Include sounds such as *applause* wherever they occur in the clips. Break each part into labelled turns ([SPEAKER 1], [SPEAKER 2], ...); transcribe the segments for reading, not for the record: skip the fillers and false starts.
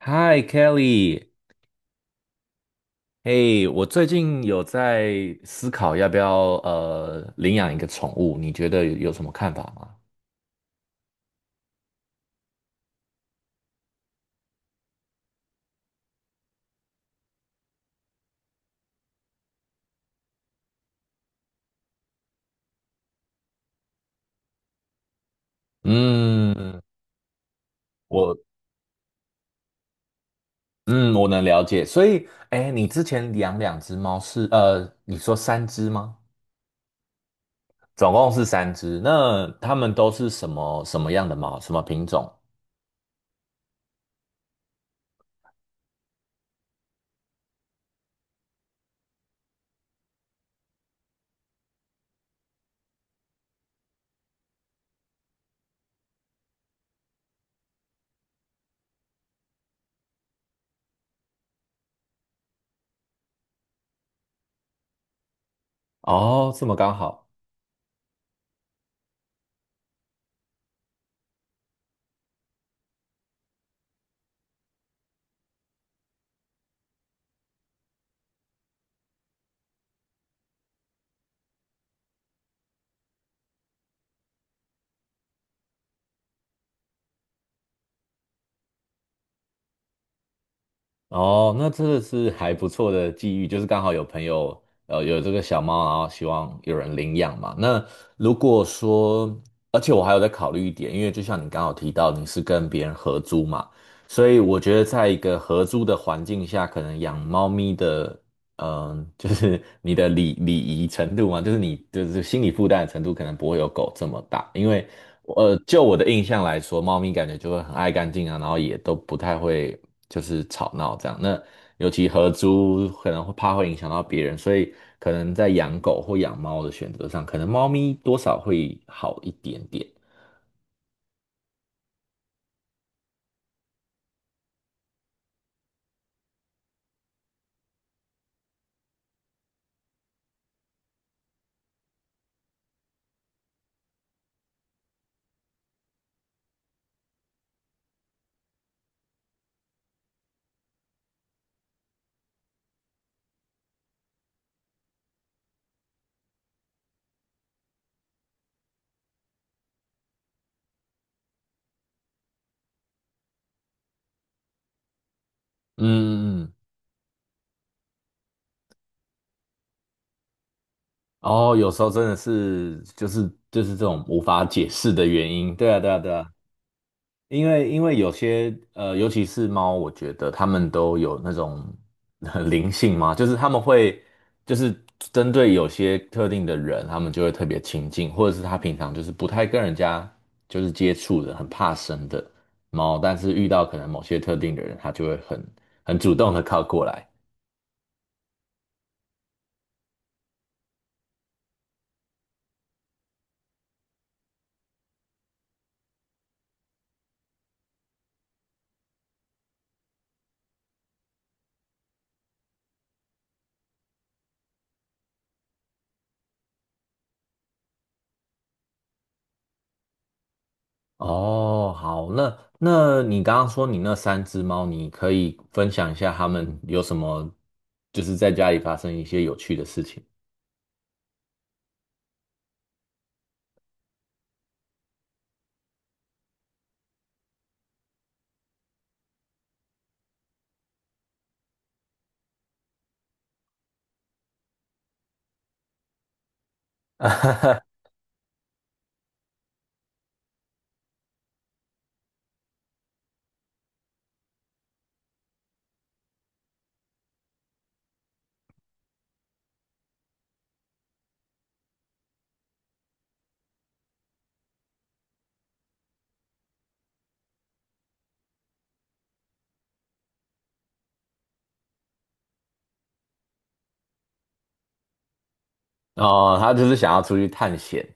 [SPEAKER 1] Hi Kelly，嘿，我最近有在思考要不要领养一个宠物，你觉得有什么看法吗？嗯，我嗯我能了解，所以哎，你之前养两只猫是你说三只吗？总共是三只，那它们都是什么样的猫？什么品种？哦，这么刚好。哦，那真的是还不错的际遇，就是刚好有朋友有这个小猫，然后希望有人领养嘛。那如果说，而且我还有在考虑一点，因为就像你刚好提到，你是跟别人合租嘛，所以我觉得在一个合租的环境下，可能养猫咪的，嗯、*laughs* 就是你的礼仪程度嘛，就是你就是心理负担的程度，可能不会有狗这么大，因为，就我的印象来说，猫咪感觉就会很爱干净啊，然后也都不太会就是吵闹这样。那尤其合租可能会怕会影响到别人，所以可能在养狗或养猫的选择上，可能猫咪多少会好一点点。嗯，嗯哦，有时候真的是就是这种无法解释的原因。对啊，对啊，对啊。因为有些，尤其是猫，我觉得它们都有那种*laughs* 灵性嘛，就是它们会就是针对有些特定的人，它们就会特别亲近，或者是它平常就是不太跟人家就是接触的，很怕生的猫，但是遇到可能某些特定的人，它就会很主动的靠过来。哦，好，那你刚刚说你那三只猫，你可以分享一下它们有什么就是在家里发生一些有趣的事情吗？ *laughs* 哦，他就是想要出去探险，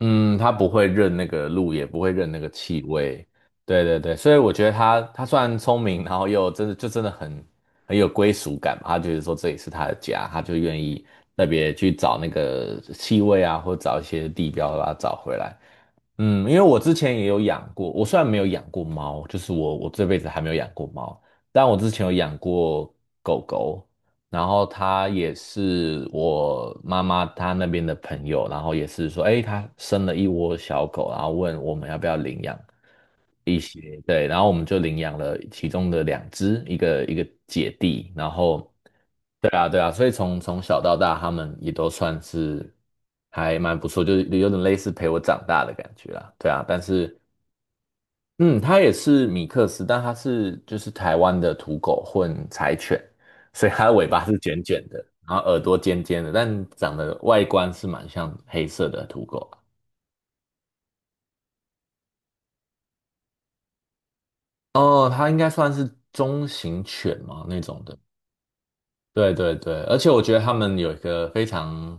[SPEAKER 1] 嗯，他不会认那个路，也不会认那个气味，对对对，所以我觉得他虽然聪明，然后又真的真的很有归属感嘛，他觉得说这里是他的家，他就愿意特别去找那个气味啊，或者找一些地标把它找回来。嗯，因为我之前也有养过，我虽然没有养过猫，就是我这辈子还没有养过猫，但我之前有养过狗狗，然后它也是我妈妈她那边的朋友，然后也是说，哎，她生了一窝小狗，然后问我们要不要领养，一些，对，然后我们就领养了其中的两只，一个姐弟，然后，对啊，对啊，所以从小到大，他们也都算是还蛮不错，就是有点类似陪我长大的感觉啦，对啊，但是，嗯，它也是米克斯，但它是就是台湾的土狗混柴犬，所以它的尾巴是卷卷的，然后耳朵尖尖的，但长得外观是蛮像黑色的土狗啊。哦，它应该算是中型犬嘛那种的。对对对，而且我觉得他们有一个非常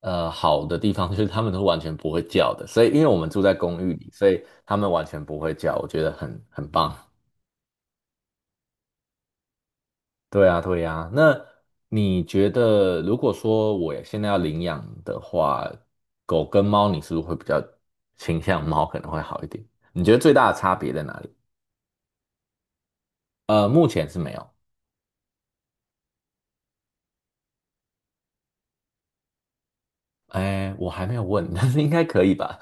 [SPEAKER 1] 好的地方，就是他们都完全不会叫的，所以因为我们住在公寓里，所以他们完全不会叫，我觉得很棒。对啊，对啊。那你觉得，如果说我现在要领养的话，狗跟猫，你是不是会比较倾向猫可能会好一点？你觉得最大的差别在哪里？呃，目前是没有。哎，我还没有问，但是应该可以吧？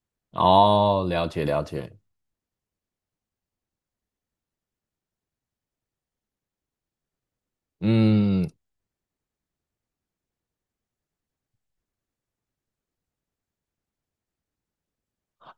[SPEAKER 1] *laughs* 哦，了解了解。嗯，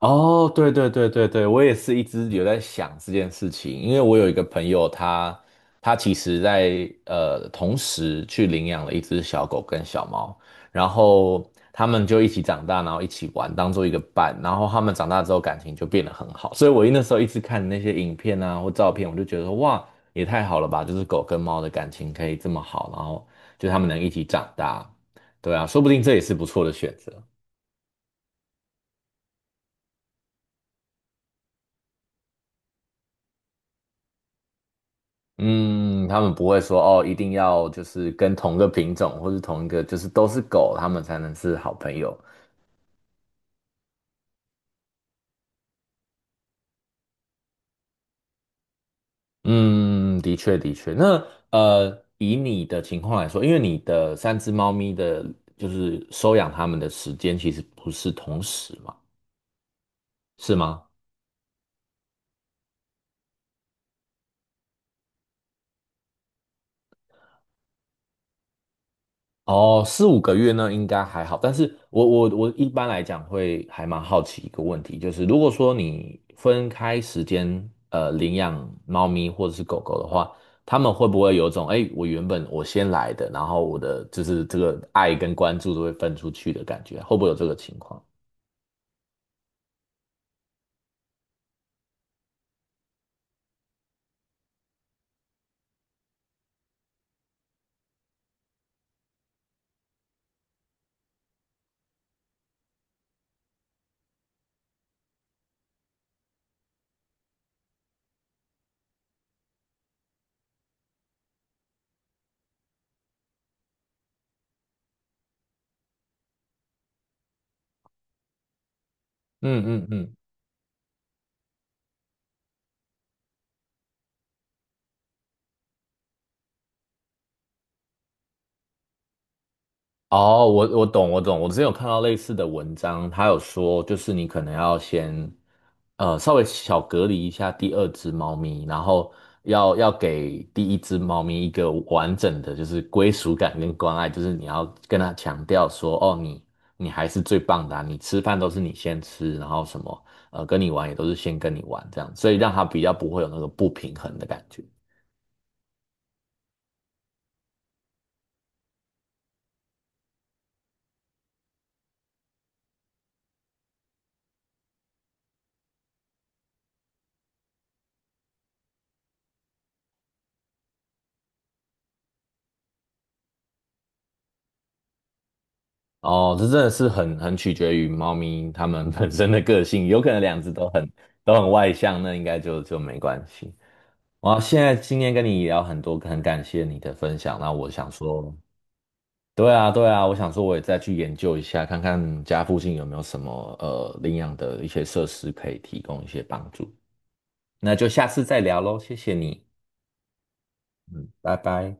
[SPEAKER 1] 哦，对对对对对，我也是一直有在想这件事情，因为我有一个朋友他，他其实在同时去领养了一只小狗跟小猫，然后他们就一起长大，然后一起玩，当做一个伴，然后他们长大之后感情就变得很好，所以我那时候一直看那些影片啊或照片，我就觉得说哇，也太好了吧，就是狗跟猫的感情可以这么好，然后就他们能一起长大，对啊，说不定这也是不错的选择。嗯，他们不会说哦，一定要就是跟同个品种或是同一个就是都是狗，他们才能是好朋友。嗯，的确的确。那，以你的情况来说，因为你的三只猫咪的，就是收养它们的时间其实不是同时嘛，是吗？哦，四五个月呢，应该还好。但是我一般来讲会还蛮好奇一个问题，就是如果说你分开时间，领养猫咪或者是狗狗的话，他们会不会有一种，哎，我原本我先来的，然后我的就是这个爱跟关注都会分出去的感觉，会不会有这个情况？嗯嗯嗯。哦，我懂，我懂。我之前有看到类似的文章，他有说，就是你可能要先，稍微小隔离一下第二只猫咪，然后要给第一只猫咪一个完整的，就是归属感跟关爱，就是你要跟它强调说，哦，你还是最棒的啊你吃饭都是你先吃，然后什么，跟你玩也都是先跟你玩这样，所以让它比较不会有那个不平衡的感觉。哦，这真的是很取决于猫咪它们本身的个性，有可能两只都很外向，那应该就没关系。哇，现在今天跟你聊很多，很感谢你的分享。那我想说，对啊对啊，我想说我也再去研究一下，看看家附近有没有什么领养的一些设施可以提供一些帮助。那就下次再聊喽，谢谢你，嗯，拜拜。